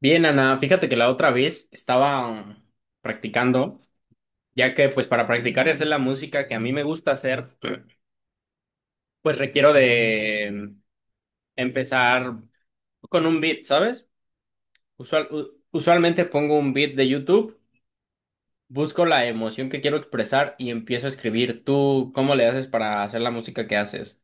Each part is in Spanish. Bien, Ana, fíjate que la otra vez estaba practicando, ya que pues para practicar y hacer la música que a mí me gusta hacer, pues requiero de mm, empezar con un beat, ¿sabes? Usualmente pongo un beat de YouTube, busco la emoción que quiero expresar y empiezo a escribir. ¿Tú cómo le haces para hacer la música que haces?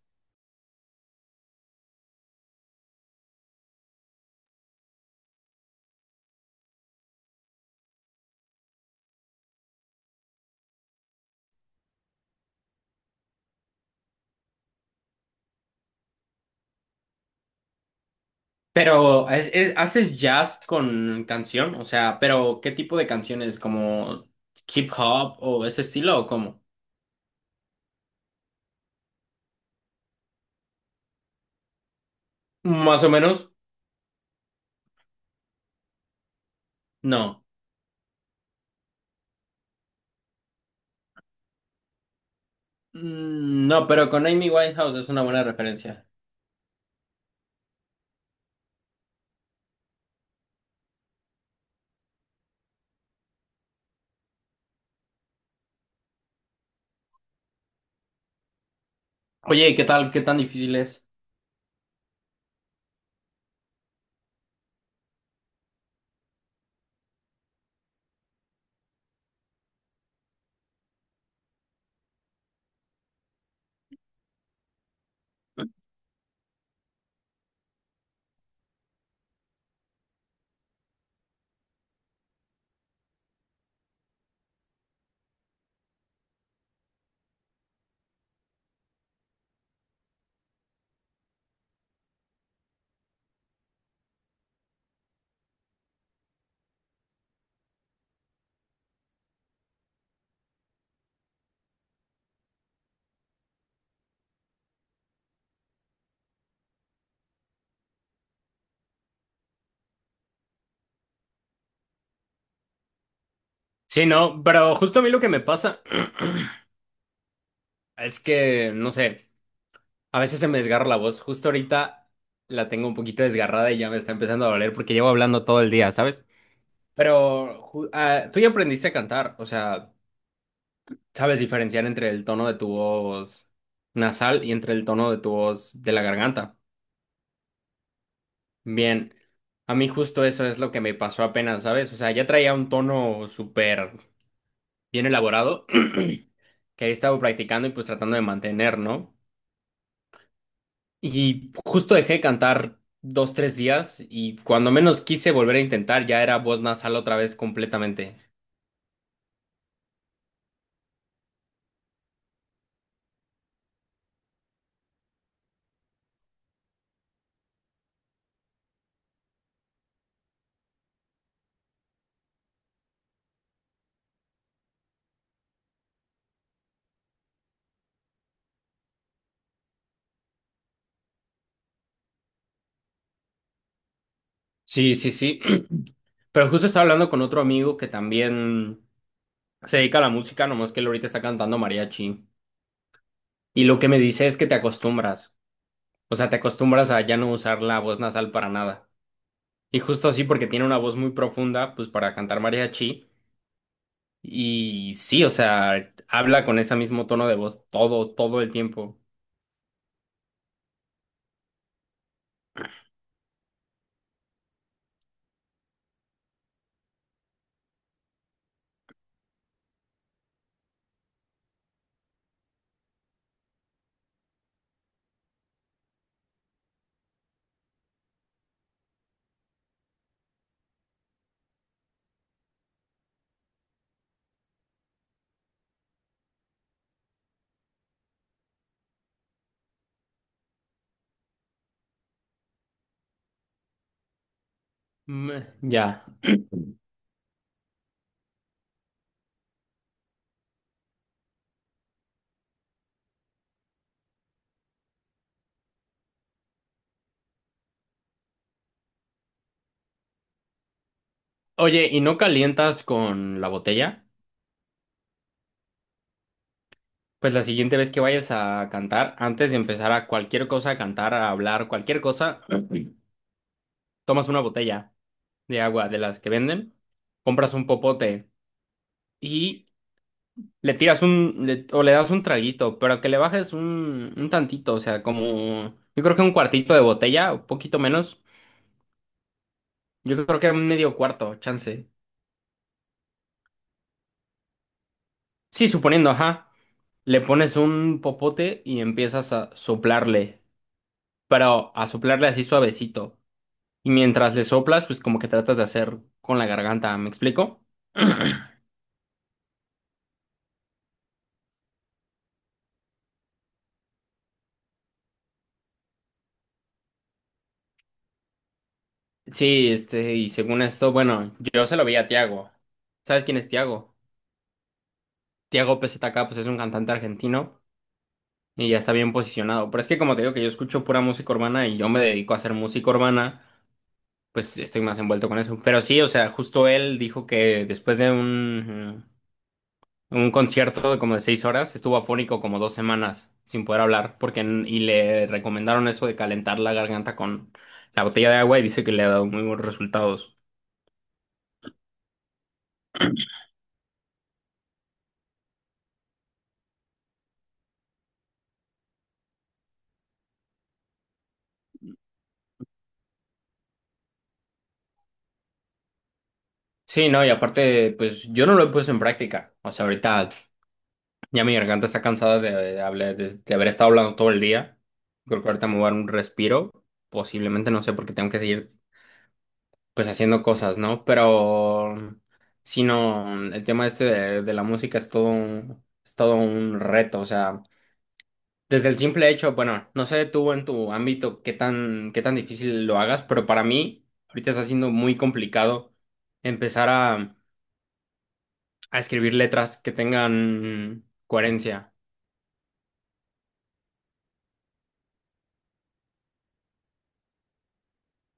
Pero, ¿haces jazz con canción? O sea, pero ¿qué tipo de canciones? ¿Como hip hop o ese estilo o cómo? Más o menos. No. Mm, no, pero con Amy Winehouse es una buena referencia. Oye, ¿qué tal? ¿Qué tan difícil es? Sí, no, pero justo a mí lo que me pasa es que, no sé, a veces se me desgarra la voz. Justo ahorita la tengo un poquito desgarrada y ya me está empezando a doler porque llevo hablando todo el día, ¿sabes? Pero tú ya aprendiste a cantar, o sea, sabes diferenciar entre el tono de tu voz nasal y entre el tono de tu voz de la garganta. Bien, a mí justo eso es lo que me pasó apenas, ¿sabes? O sea, ya traía un tono súper bien elaborado que he estado practicando y pues tratando de mantener, ¿no? Y justo dejé de cantar dos, tres días y cuando menos quise volver a intentar ya era voz nasal otra vez completamente. Sí, sí, sí. Pero justo estaba hablando con otro amigo que también se dedica a la música, nomás que él ahorita está cantando mariachi. Y lo que me dice es que te acostumbras. O sea, te acostumbras a ya no usar la voz nasal para nada. Y justo así, porque tiene una voz muy profunda, pues para cantar mariachi. Y sí, o sea, habla con ese mismo tono de voz todo, todo el tiempo. Mm, ya. Oye, ¿y no calientas con la botella? Pues la siguiente vez que vayas a cantar, antes de empezar a cualquier cosa, a cantar, a hablar, cualquier cosa, tomas una botella de agua de las que venden, compras un popote. Y le tiras un, le- o le das un traguito, pero que le bajes un tantito, o sea, como, yo creo que un cuartito de botella, un poquito menos, yo creo que un medio cuarto, chance. Sí, suponiendo, ajá, le pones un popote y empiezas a soplarle, pero a soplarle así suavecito. Y mientras le soplas, pues como que tratas de hacer con la garganta, ¿me explico? Sí, este, y según esto, bueno, yo se lo vi a Tiago. ¿Sabes quién es Tiago? Tiago PZK, pues es un cantante argentino y ya está bien posicionado. Pero es que como te digo que yo escucho pura música urbana y yo me dedico a hacer música urbana, pues estoy más envuelto con eso. Pero sí, o sea, justo él dijo que después de un concierto de como de 6 horas, estuvo afónico como 2 semanas sin poder hablar, y le recomendaron eso de calentar la garganta con la botella de agua y dice que le ha dado muy buenos resultados. Sí, no, y aparte, pues yo no lo he puesto en práctica. O sea, ahorita ya mi garganta está cansada de hablar, de haber estado hablando todo el día. Creo que ahorita me voy a dar un respiro. Posiblemente, no sé, porque tengo que seguir pues haciendo cosas, ¿no? Pero si no, el tema este de la música es todo un reto. O sea, desde el simple hecho, bueno, no sé tú en tu ámbito qué tan difícil lo hagas, pero para mí ahorita está siendo muy complicado empezar a escribir letras que tengan coherencia.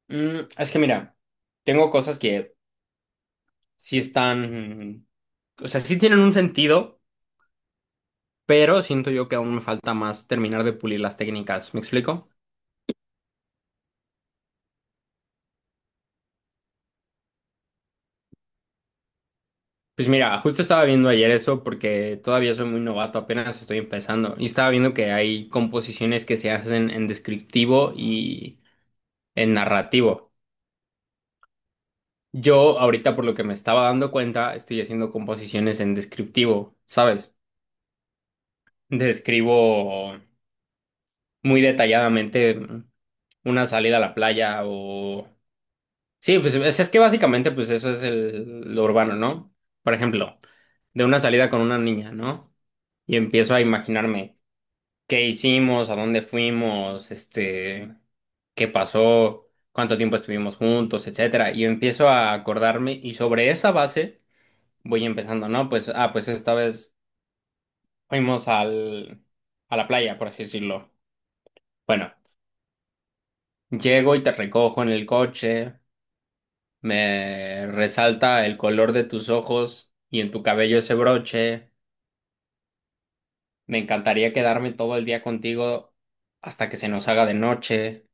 Mm, es que mira, tengo cosas que sí están, o sea, sí tienen un sentido, pero siento yo que aún me falta más terminar de pulir las técnicas. ¿Me explico? Pues mira, justo estaba viendo ayer eso porque todavía soy muy novato, apenas estoy empezando. Y estaba viendo que hay composiciones que se hacen en descriptivo y en narrativo. Yo ahorita, por lo que me estaba dando cuenta, estoy haciendo composiciones en descriptivo, ¿sabes? Describo muy detalladamente una salida a la playa o... Sí, pues es que básicamente pues eso es el, lo urbano, ¿no? Por ejemplo, de una salida con una niña, ¿no? Y empiezo a imaginarme qué hicimos, a dónde fuimos, este, qué pasó, cuánto tiempo estuvimos juntos, etcétera. Y empiezo a acordarme y sobre esa base voy empezando, ¿no? Pues, ah, pues esta vez fuimos al, a la playa, por así decirlo. Bueno. Llego y te recojo en el coche, me resalta el color de tus ojos y en tu cabello ese broche. Me encantaría quedarme todo el día contigo hasta que se nos haga de noche.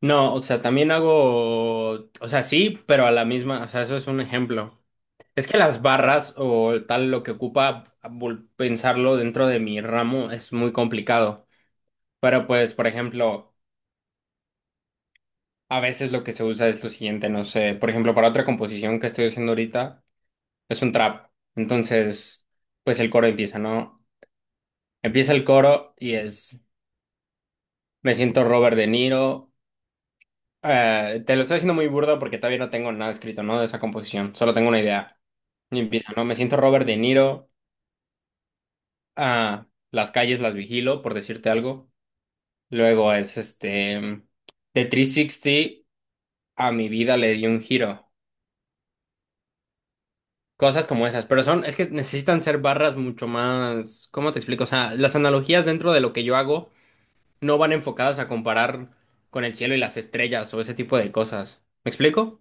No, o sea, también hago, o sea, sí, pero a la misma, o sea, eso es un ejemplo. Es que las barras o tal lo que ocupa pensarlo dentro de mi ramo es muy complicado. Pero pues, por ejemplo, a veces lo que se usa es lo siguiente, no sé, por ejemplo, para otra composición que estoy haciendo ahorita es un trap. Entonces, pues el coro empieza, ¿no? Empieza el coro y es, me siento Robert De Niro. Te lo estoy haciendo muy burdo porque todavía no tengo nada escrito, ¿no? De esa composición, solo tengo una idea. Y empieza, ¿no? Me siento Robert De Niro. Ah, las calles las vigilo, por decirte algo. Luego es este, de 360 a mi vida le di un giro. Cosas como esas, pero son, es que necesitan ser barras mucho más, ¿cómo te explico? O sea, las analogías dentro de lo que yo hago no van enfocadas a comparar con el cielo y las estrellas o ese tipo de cosas. ¿Me explico?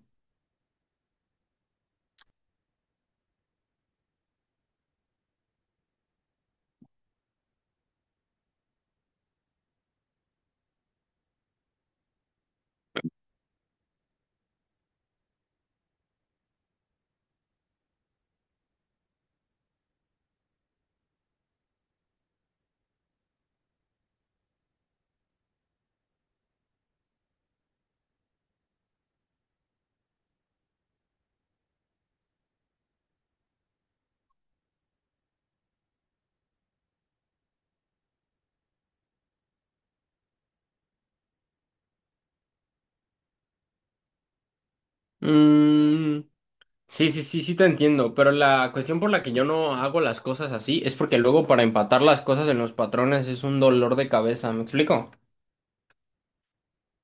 Mm, sí, sí, sí, sí te entiendo, pero la cuestión por la que yo no hago las cosas así es porque luego para empatar las cosas en los patrones es un dolor de cabeza, ¿me explico?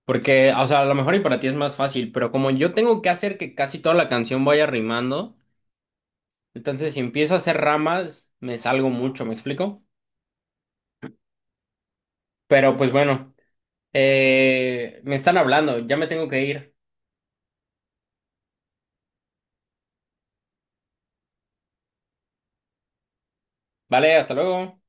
Porque, o sea, a lo mejor y para ti es más fácil, pero como yo tengo que hacer que casi toda la canción vaya rimando, entonces si empiezo a hacer ramas, me salgo mucho, ¿me explico? Pero pues bueno, me están hablando, ya me tengo que ir. Vale, hasta luego.